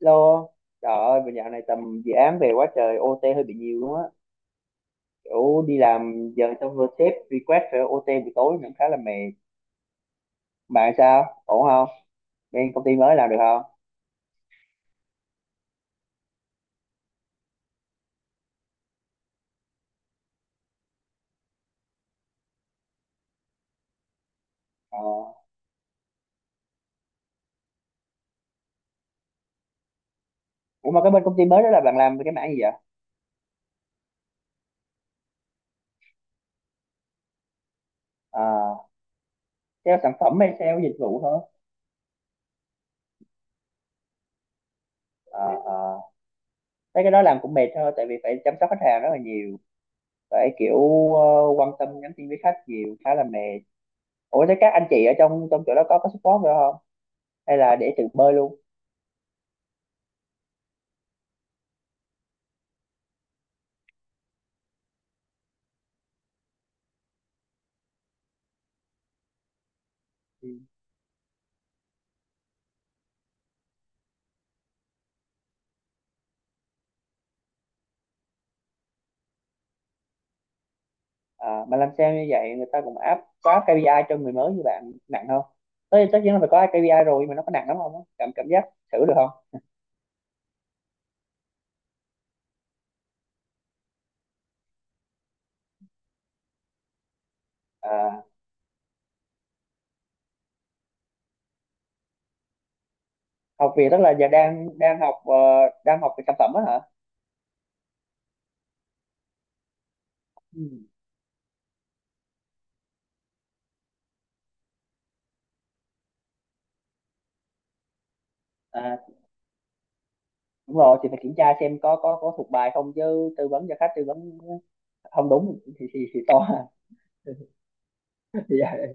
Lô, trời ơi, bây dạo này tầm dự án về quá trời OT hơi bị nhiều luôn á. Kiểu đi làm giờ xong rồi sếp request phải OT buổi tối cũng khá là mệt. Bạn sao? Ổn không? Bên công ty mới làm được không? Ờ. Ủa mà cái bên công ty mới đó là bạn làm về cái mảng gì vậy? À, sale sản phẩm hay sale dịch vụ thôi? À, à. Thấy cái đó làm cũng mệt thôi, tại vì phải chăm sóc khách hàng rất là nhiều. Phải kiểu ờ, quan tâm nhắn tin với khách nhiều, khá là mệt. Ủa thế các anh chị ở trong trong chỗ đó có support nữa không? Hay là để tự bơi luôn? Ừ. À, mà làm sao như vậy người ta cũng áp có KPI cho người mới như bạn nặng không? Tất tất nhiên là phải có KPI rồi, nhưng mà nó có nặng lắm không? Cảm cảm giác thử được không? À, học việc tức là giờ đang đang học ờ, đang học về sản phẩm á hả? Ừ. À, đúng rồi, thì phải kiểm tra xem có thuộc bài không, chứ tư vấn cho khách, tư vấn không đúng thì thì to à. Thì vậy.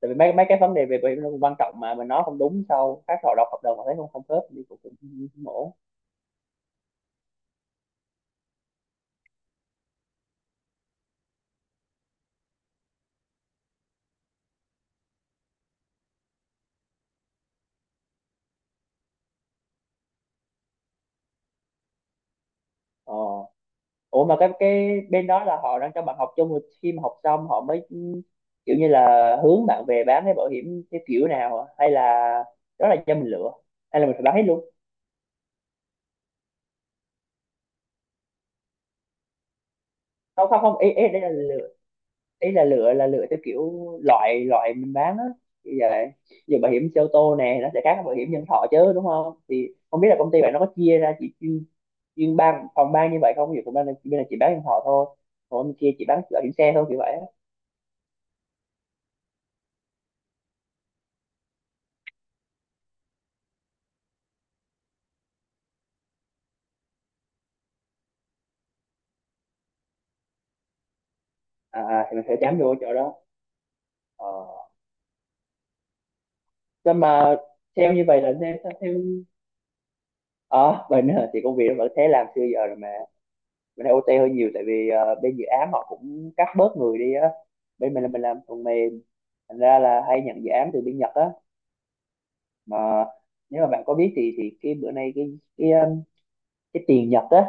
Tại vì mấy mấy cái vấn đề về về nó cũng quan trọng, mà mình nói không đúng, sau khách họ đọc hợp đồng họ thấy không không khớp thì cũng cũng cũng ổn. Ờ, ủa mà cái bên đó là họ đang cho bạn học chung, rồi khi mà học xong họ mới kiểu như là hướng bạn về bán cái bảo hiểm cái kiểu nào à? Hay là đó là do mình lựa, hay là mình phải bán hết luôn? Không, không, không, ý ý đây là lựa, ý là lựa, là lựa theo kiểu loại, loại mình bán á, như vậy. Giờ bảo hiểm xe ô tô nè nó sẽ khác với bảo hiểm nhân thọ chứ, đúng không? Thì không biết là công ty bạn nó có chia ra chỉ chuyên chuyên phòng ban như vậy không, ví dụ phòng ban này, bên này chỉ bán nhân thọ thôi, còn bên kia chỉ bán bảo hiểm xe thôi, kiểu vậy á. À, à, thì mình sẽ chám vô chỗ đó. ờ nhưng mà theo như vậy là nên sao theo mình thì công việc nó vẫn thế, làm xưa giờ rồi mà. Mình thấy OT hơi nhiều tại vì bên dự án họ cũng cắt bớt người đi á. Bên mình là mình làm phần mềm, thành ra là hay nhận dự án từ bên Nhật á. Mà nếu mà bạn có biết thì cái bữa nay cái tiền Nhật á,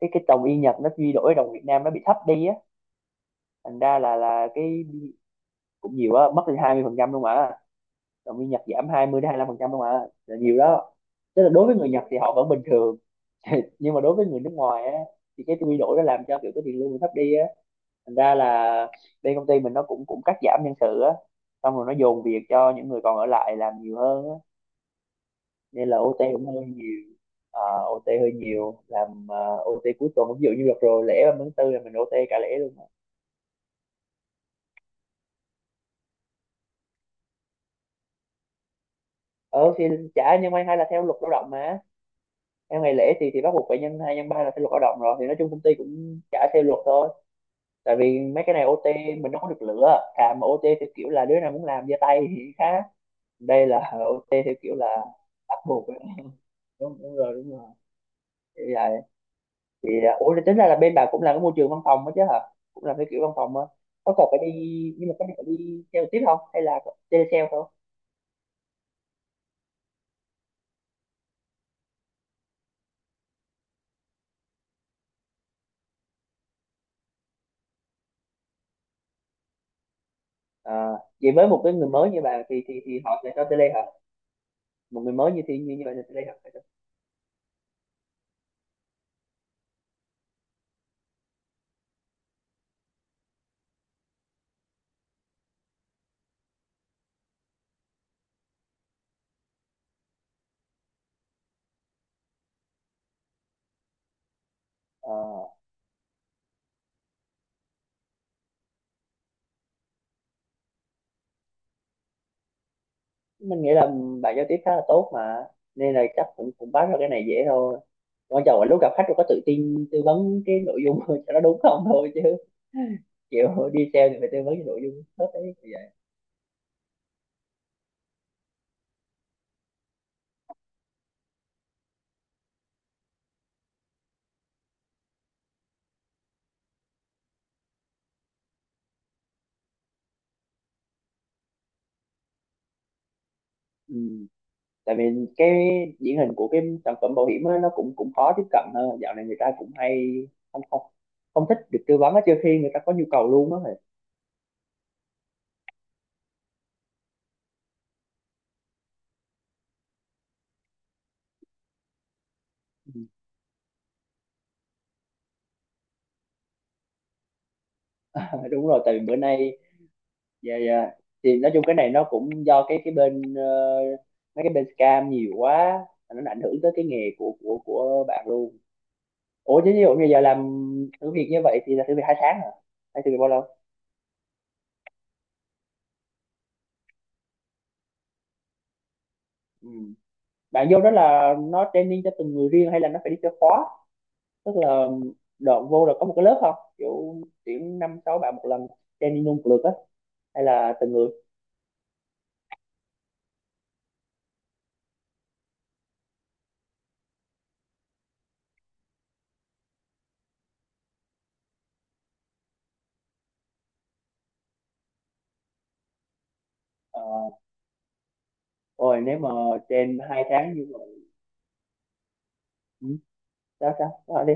cái đồng yên Nhật nó quy đổi đồng Việt Nam nó bị thấp đi á, thành ra là cái cũng nhiều á, mất đi 20% luôn mà. Đồng yên Nhật giảm 20 đến 25% không ạ, là nhiều đó. Tức là đối với người Nhật thì họ vẫn bình thường, nhưng mà đối với người nước ngoài á thì cái quy đổi nó làm cho kiểu cái tiền lương thấp đi á, thành ra là bên công ty mình nó cũng cũng cắt giảm nhân sự á, xong rồi nó dồn việc cho những người còn ở lại làm nhiều hơn á, nên là OT cũng hơi nhiều. Ờ, OT hơi nhiều, làm OT cuối tuần, ví dụ như đợt rồi lễ 30 tháng tư là mình OT cả lễ luôn mà. Ờ thì trả, nhưng may hay là theo luật lao động mà, theo ngày lễ thì bắt buộc phải nhân hai nhân ba, là theo luật lao động rồi, thì nói chung công ty cũng trả theo luật thôi. Tại vì mấy cái này OT mình đâu có được lựa, thà mà OT theo kiểu là đứa nào muốn làm giơ tay thì khác, đây là OT theo kiểu là bắt buộc. Đúng, đúng rồi, đúng rồi. Thì vậy. Thì à, ủa, thì tính ra là bên bà cũng làm cái môi trường văn phòng đó chứ hả? Cũng làm cái kiểu văn phòng á, có cần phải đi, nhưng mà có phải đi theo tiếp không, hay là tele sale thôi? À, vậy với một cái người mới như bà thì thì họ sẽ cho tele hả? Một người mới như thì như như vậy là tele hả? Ờ. Mình nghĩ là bạn giao tiếp khá là tốt mà, nên là chắc cũng cũng bắt ra cái này dễ thôi, quan trọng là lúc gặp khách tôi có tự tin tư vấn cái nội dung cho nó đúng không thôi, chứ kiểu đi sale thì phải tư vấn cái nội dung hết đấy, như vậy. Ừ. Tại vì cái điển hình của cái sản phẩm bảo hiểm á, nó cũng cũng khó tiếp cận hơn, dạo này người ta cũng hay không, không, không thích được tư vấn á, trừ khi người ta có nhu cầu luôn á. Ừ. Đúng rồi, tại vì bữa nay, dạ, dạ, thì nói chung cái này nó cũng do cái bên mấy cái bên scam nhiều quá, nó ảnh hưởng tới cái nghề của bạn luôn. Ủa chứ ví dụ như giờ làm thử việc như vậy thì là thử việc 2 tháng hả, hay thử việc bao lâu? Ừ. Bạn vô đó là nó training cho từng người riêng, hay là nó phải đi theo khóa, tức là đợt vô là có một cái lớp không, kiểu tuyển năm sáu bạn một lần, training luôn một lượt á, hay là từng người? Ờ, rồi nếu mà trên 2 tháng như vậy. Ừ. sao sao? Nói đi.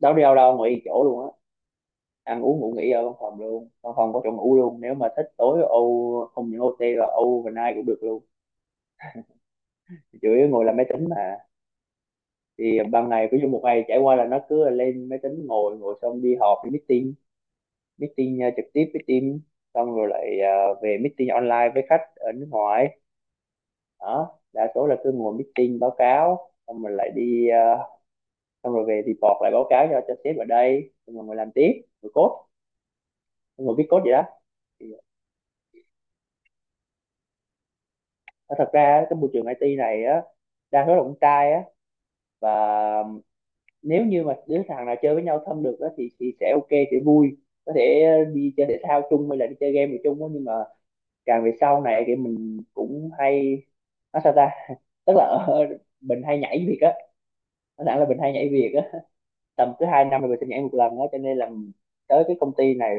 Đâu đi đâu đâu ngoài chỗ luôn á, ăn uống ngủ nghỉ ở văn phòng luôn, văn phòng có chỗ ngủ luôn, nếu mà thích tối không những OT là overnight cũng được luôn, chủ yếu ngồi làm máy tính mà. Thì ban ngày ví dụ một ngày trải qua là nó cứ lên máy tính ngồi, xong đi họp, đi meeting, meeting trực tiếp với team, xong rồi lại về meeting online với khách ở nước ngoài, đó đa số là cứ ngồi meeting báo cáo, xong rồi lại đi, xong rồi về report lại báo cáo cho sếp ở đây, xong rồi ngồi làm tiếp, ngồi code, ngồi viết code, vậy đó. Thì Ờ, Thật ra á, cái môi trường IT này á đa số là con trai á, và nếu như mà đứa thằng nào chơi với nhau thân được á thì sẽ ok, sẽ vui, có thể đi chơi thể thao chung hay là đi chơi game gì chung á, nhưng mà càng về sau này thì mình cũng hay nói sao ta, tức là mình hay nhảy việc á, nói thẳng là mình hay nhảy việc á, tầm cứ 2 năm là mình sẽ nhảy một lần á, cho nên là tới cái công ty này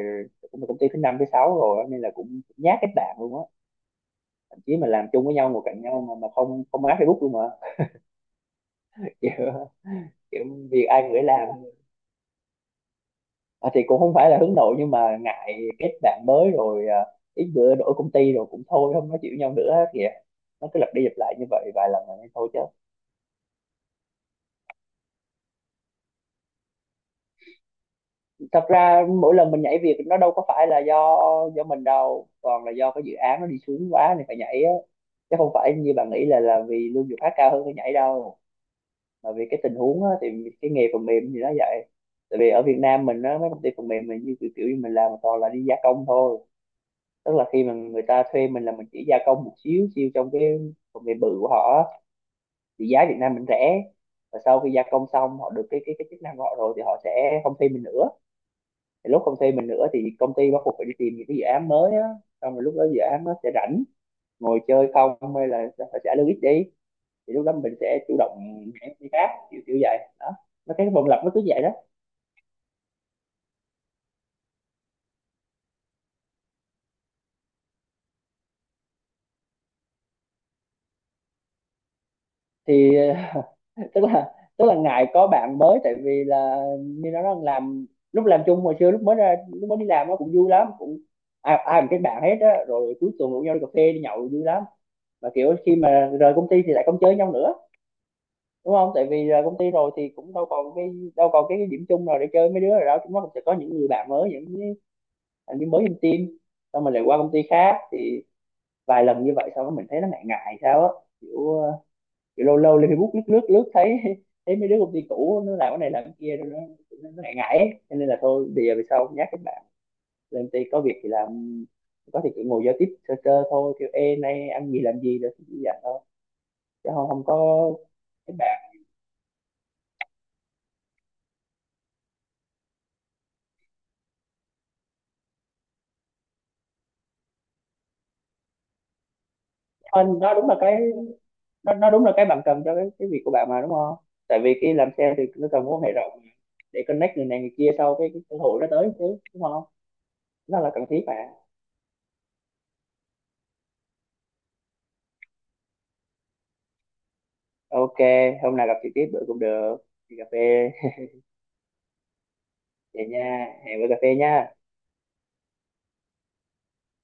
cũng là công ty thứ năm thứ sáu rồi á, nên là cũng nhát kết bạn luôn á, thậm chí mà làm chung với nhau ngồi cạnh nhau mà không không áp Facebook luôn mà. Kiểu việc ai gửi làm. Ờ, thì cũng không phải là hướng nội, nhưng mà ngại kết bạn mới rồi à, ít bữa đổi công ty rồi cũng thôi không nói chịu nhau nữa kìa, nó cứ lặp đi lặp lại như vậy vài lần rồi thôi chứ. Thật ra mỗi lần mình nhảy việc nó đâu có phải là do mình đâu, còn là do cái dự án nó đi xuống quá nên phải nhảy á, chứ không phải như bạn nghĩ là vì lương việc khác cao hơn cái nhảy đâu, mà vì cái tình huống á, thì cái nghề phần mềm thì nó vậy. Tại vì ở Việt Nam mình á mấy công ty phần mềm mình như kiểu như mình làm toàn là đi gia công thôi, tức là khi mà người ta thuê mình là mình chỉ gia công một xíu xíu trong cái công nghệ bự của họ, thì giá Việt Nam mình rẻ, và sau khi gia công xong họ được cái chức năng của họ rồi thì họ sẽ không thuê mình nữa, thì lúc không thuê mình nữa thì công ty bắt buộc phải đi tìm những cái dự án mới á, xong rồi lúc đó dự án nó sẽ rảnh ngồi chơi không, hay là phải trả lương ít đi, thì lúc đó mình sẽ chủ động nhảy đi khác, kiểu kiểu vậy đó, nó cái vòng lặp nó cứ vậy đó. Thì tức là ngại có bạn mới, tại vì là như nó nói làm, lúc làm chung hồi xưa, lúc mới ra, lúc mới đi làm nó cũng vui lắm, cũng ai ai cũng kết bạn hết á, rồi cuối tuần rủ nhau đi cà phê, đi nhậu vui lắm, mà kiểu khi mà rời công ty thì lại không chơi nhau nữa, đúng không, tại vì rời công ty rồi thì cũng đâu còn cái điểm chung nào để chơi, mấy đứa rồi đó chúng nó cũng sẽ có những người bạn mới, những cái thành viên mới trong team, xong mình lại qua công ty khác, thì vài lần như vậy sau đó mình thấy nó ngại ngại sao á, kiểu. Lâu lâu lên Facebook lướt lướt lướt thấy, mấy đứa công ty cũ nó làm cái này làm cái kia rồi nó ngại ngại ấy, cho nên là thôi bây giờ về sau nhắc các bạn, lên công ty có việc thì làm, có thì chỉ ngồi giao tiếp sơ sơ thôi, kiểu ê nay ăn gì làm gì rồi thì dặn thôi, chứ không không có các bạn. Anh nó đúng là cái, nó đúng là cái bạn cần cho cái việc của bạn mà, đúng không, tại vì cái làm sale thì nó cần mối quan hệ rộng, để connect người này người kia sau cái cơ hội nó tới chứ, đúng không, nó là cần thiết mà. Ok, hôm nào gặp trực tiếp bữa cũng được, đi cà phê. Vậy nha, hẹn bữa cà phê nha.